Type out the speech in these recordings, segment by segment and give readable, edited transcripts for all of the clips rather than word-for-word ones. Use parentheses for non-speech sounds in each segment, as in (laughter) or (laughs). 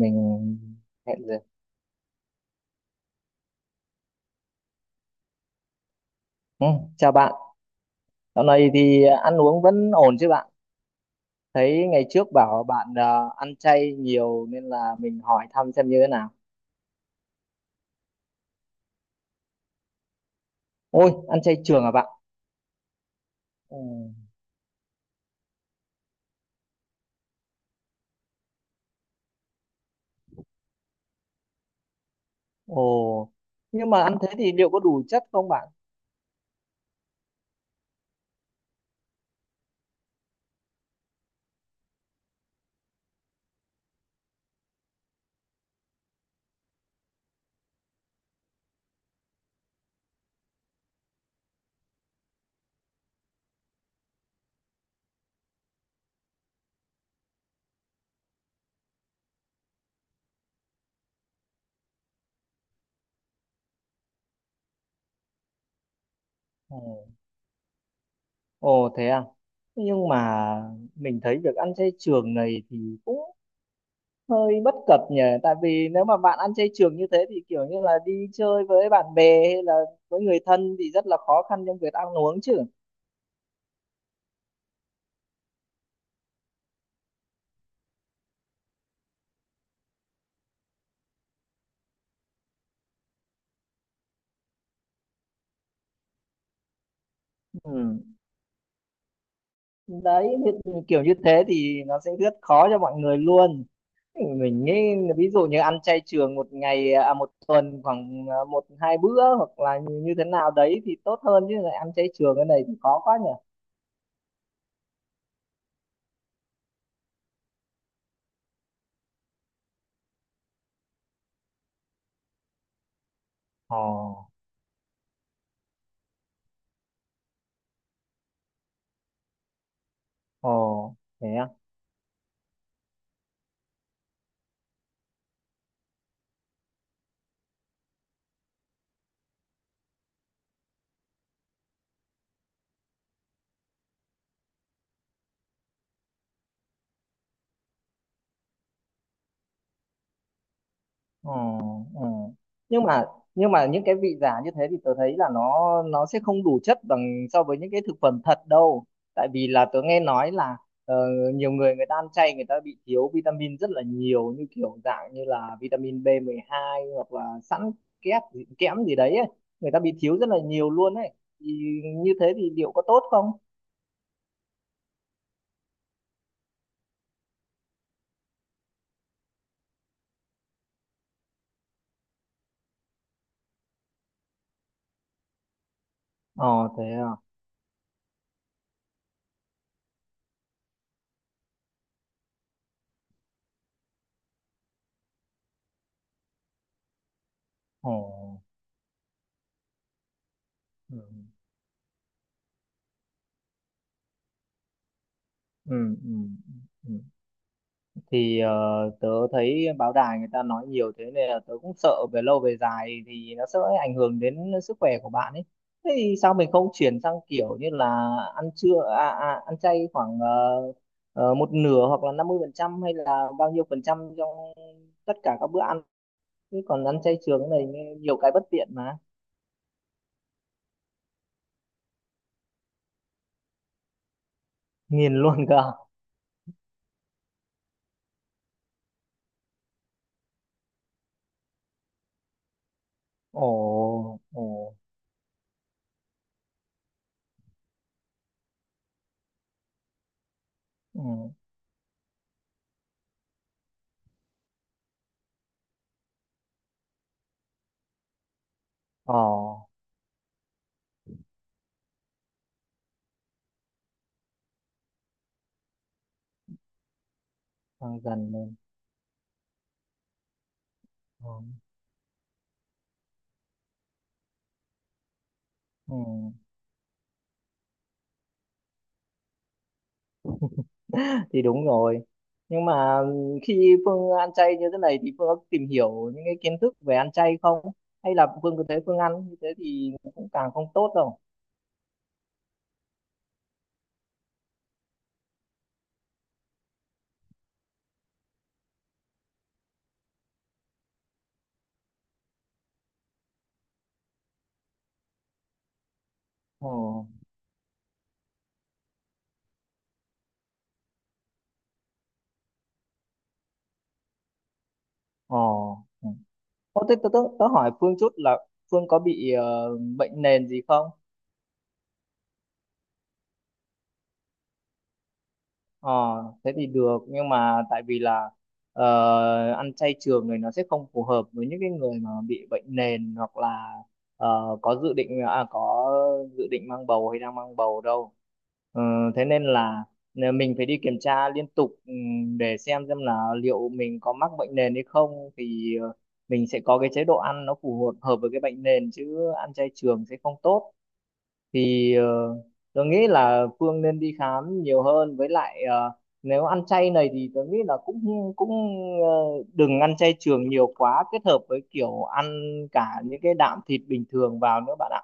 Mình hẹn giờ, ừ, chào bạn. Dạo này thì ăn uống vẫn ổn chứ bạn? Thấy ngày trước bảo bạn ăn chay nhiều nên là mình hỏi thăm xem như thế nào. Ôi, ăn chay trường à bạn? Ừ. Ồ. Nhưng mà ăn thế thì liệu có đủ chất không bạn? Ừ. Ồ, thế à? Nhưng mà mình thấy việc ăn chay trường này thì cũng hơi bất cập nhỉ, tại vì nếu mà bạn ăn chay trường như thế thì kiểu như là đi chơi với bạn bè hay là với người thân thì rất là khó khăn trong việc ăn uống chứ. Ừ. Đấy thì kiểu như thế thì nó sẽ rất khó cho mọi người luôn, mình nghĩ ví dụ như ăn chay trường một ngày, à một tuần, khoảng à, một hai bữa hoặc là như như thế nào đấy thì tốt hơn, chứ lại ăn chay trường cái này thì khó quá nhỉ. Ồ, ồ, thế à? Ừ, ừ. nhưng mà nhưng mà những cái vị giả như thế thì tớ thấy là nó sẽ không đủ chất bằng so với những cái thực phẩm thật đâu. Tại vì là tớ nghe nói là ờ, nhiều người, người ta ăn chay người ta bị thiếu vitamin rất là nhiều, như kiểu dạng như là vitamin B2 hoặc là sẵn kẽm gì đấy ấy. Người ta bị thiếu rất là nhiều luôn ấy, thì như thế thì liệu có tốt không? Ờ, thế à? Ồ, ừ, ừ, ừ, ừ. Thì tớ thấy báo đài người ta nói nhiều thế nên là tớ cũng sợ về lâu về dài thì nó sẽ ảnh hưởng đến sức khỏe của bạn ấy. Thế thì sao mình không chuyển sang kiểu như là ăn trưa, ăn chay khoảng một nửa hoặc là 50% hay là bao nhiêu phần trăm trong tất cả các bữa ăn, chứ còn ăn chay trường cái này nghe nhiều cái bất tiện mà. Nghiền (laughs) luôn cơ. Ồ, ồ, ừ. Ồ, tăng dần lên. Ồ, ừ. Thì đúng rồi, nhưng mà khi Phương ăn chay như thế này thì Phương có tìm hiểu những cái kiến thức về ăn chay không, hay là Phương cứ thế Phương ăn như thế thì cũng càng không tốt đâu? Ồ, ồ, ừ. Ô, thế tớ hỏi Phương chút là Phương có bị bệnh nền gì không? ờ Thế thì được, nhưng mà tại vì là ăn chay trường này nó sẽ không phù hợp với những cái người mà bị bệnh nền, hoặc là có dự định mang bầu hay đang mang bầu đâu. Ờ, thế nên là mình phải đi kiểm tra liên tục để xem là liệu mình có mắc bệnh nền hay không, thì mình sẽ có cái chế độ ăn nó phù hợp hợp với cái bệnh nền, chứ ăn chay trường sẽ không tốt. Thì tôi nghĩ là Phương nên đi khám nhiều hơn, với lại nếu ăn chay này thì tôi nghĩ là cũng cũng ờ, đừng ăn chay trường nhiều quá, kết hợp với kiểu ăn cả những cái đạm thịt bình thường vào nữa bạn ạ,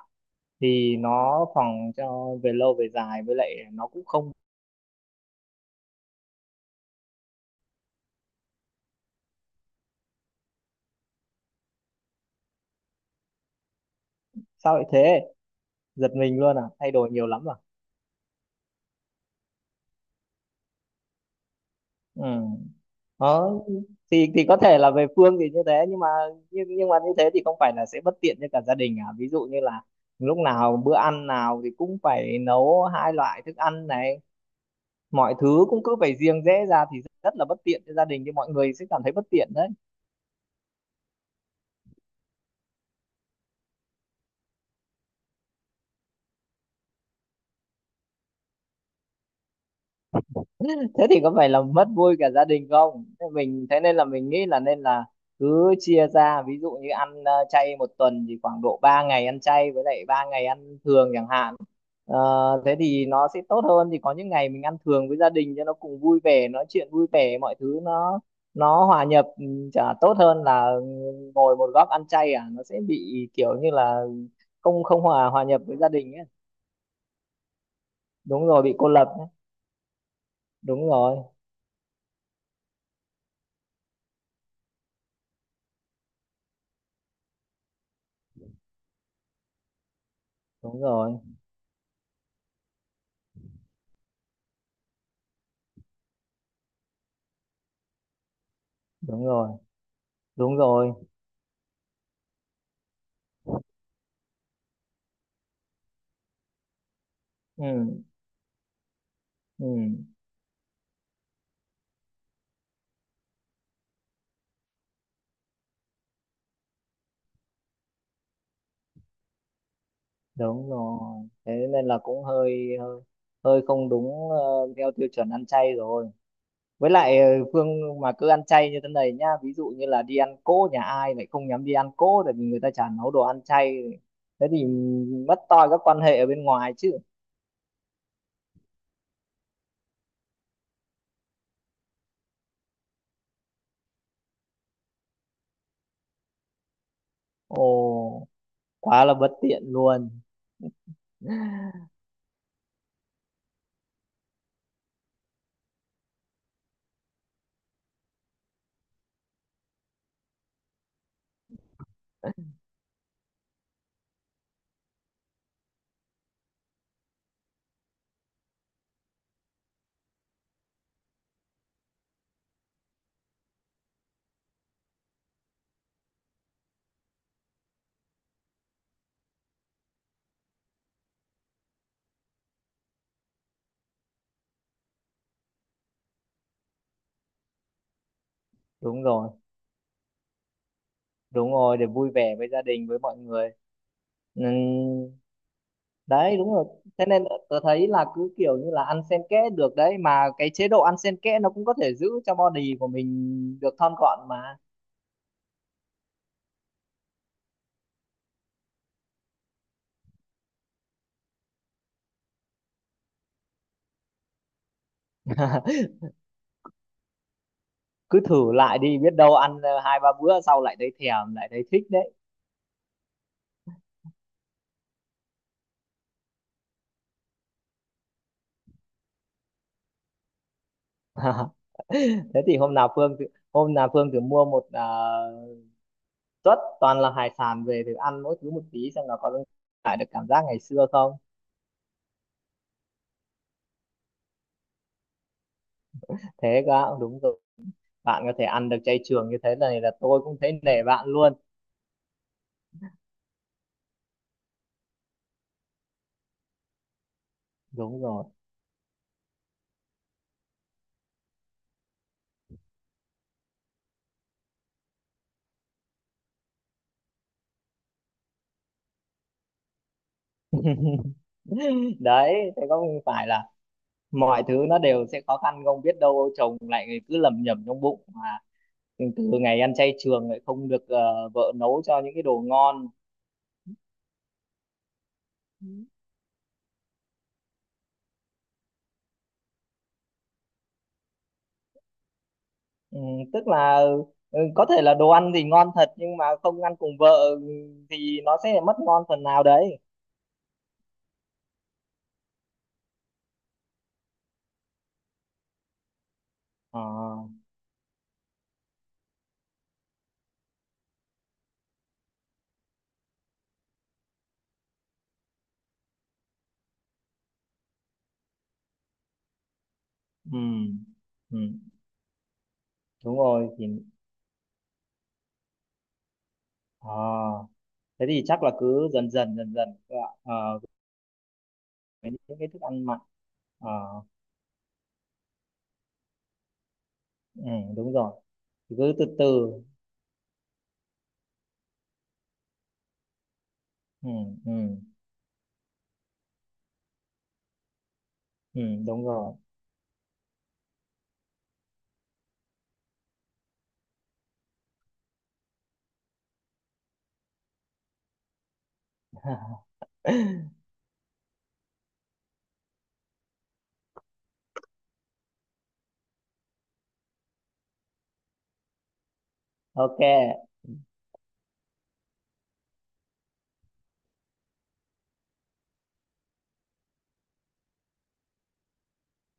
thì nó phòng cho về lâu về dài, với lại nó cũng không. Sao lại thế? Giật mình luôn à? Thay đổi nhiều lắm à? Ừ. Đó, thì có thể là về Phương thì như thế, nhưng mà như thế thì không phải là sẽ bất tiện cho cả gia đình à? Ví dụ như là lúc nào, bữa ăn nào thì cũng phải nấu hai loại thức ăn này, mọi thứ cũng cứ phải riêng rẽ ra thì rất là bất tiện cho gia đình, thì mọi người sẽ cảm thấy bất tiện đấy. (laughs) Thế thì có phải là mất vui cả gia đình không? Thế mình, thế nên là mình nghĩ là nên là cứ chia ra, ví dụ như ăn chay một tuần thì khoảng độ 3 ngày ăn chay, với lại 3 ngày ăn thường chẳng hạn. Ờ, thế thì nó sẽ tốt hơn, thì có những ngày mình ăn thường với gia đình cho nó cùng vui vẻ, nói chuyện vui vẻ, mọi thứ nó hòa nhập chả tốt hơn là ngồi một góc ăn chay à, nó sẽ bị kiểu như là không không hòa hòa nhập với gia đình ấy. Đúng rồi, bị cô lập ấy. Đúng rồi, đúng rồi. Đúng rồi, đúng rồi. Ừ, ừ, đúng rồi. Thế nên là cũng hơi hơi hơi không đúng, theo tiêu chuẩn ăn chay rồi, với lại Phương mà cứ ăn chay như thế này nhá, ví dụ như là đi ăn cỗ nhà ai lại không nhắm đi ăn cỗ, tại vì người ta chả nấu đồ ăn chay, thế thì mất toi các quan hệ ở bên ngoài chứ. Ồ, quá là bất tiện luôn. Đúng rồi, đúng rồi, để vui vẻ với gia đình, với mọi người. Ừ, đấy đúng rồi. Thế nên tớ thấy là cứ kiểu như là ăn xen kẽ được đấy, mà cái chế độ ăn xen kẽ nó cũng có thể giữ cho body của mình được thon gọn mà. Cứ thử lại đi, biết đâu ăn hai ba bữa sau lại thấy thèm, lại thấy thích đấy. (laughs) Thế thì hôm nào Phương thử mua một suất toàn là hải sản về thử ăn mỗi thứ một tí, xem là có lại được cảm giác ngày xưa không. Thế cơ ạ? Đúng rồi, bạn có thể ăn được chay trường như thế này là tôi cũng thấy nể bạn luôn. Đúng rồi đấy, thế có phải là mọi thứ nó đều sẽ khó khăn không, biết đâu chồng lại cứ lẩm nhẩm trong bụng mà từ ngày ăn chay trường lại không được vợ nấu cho những cái đồ ngon. Ừ, tức là có thể là đồ ăn thì ngon thật nhưng mà không ăn cùng vợ, ừ, thì nó sẽ mất ngon phần nào đấy. Ờ, ừ, ừ, đúng rồi. Thì ờ, thế thì chắc là cứ dần dần dần dần các bạn, với những cái thức ăn mặn. Ờ, ừ, đúng rồi, cứ từ từ. Ừ, ừ, ừ, đúng rồi. (laughs) OK.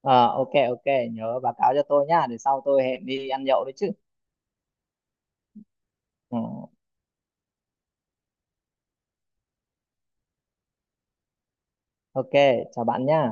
Ờ, OK, OK, nhớ báo cáo cho tôi nhá, để sau tôi hẹn đi ăn nhậu đấy chứ. Ừ. OK, chào bạn nhá.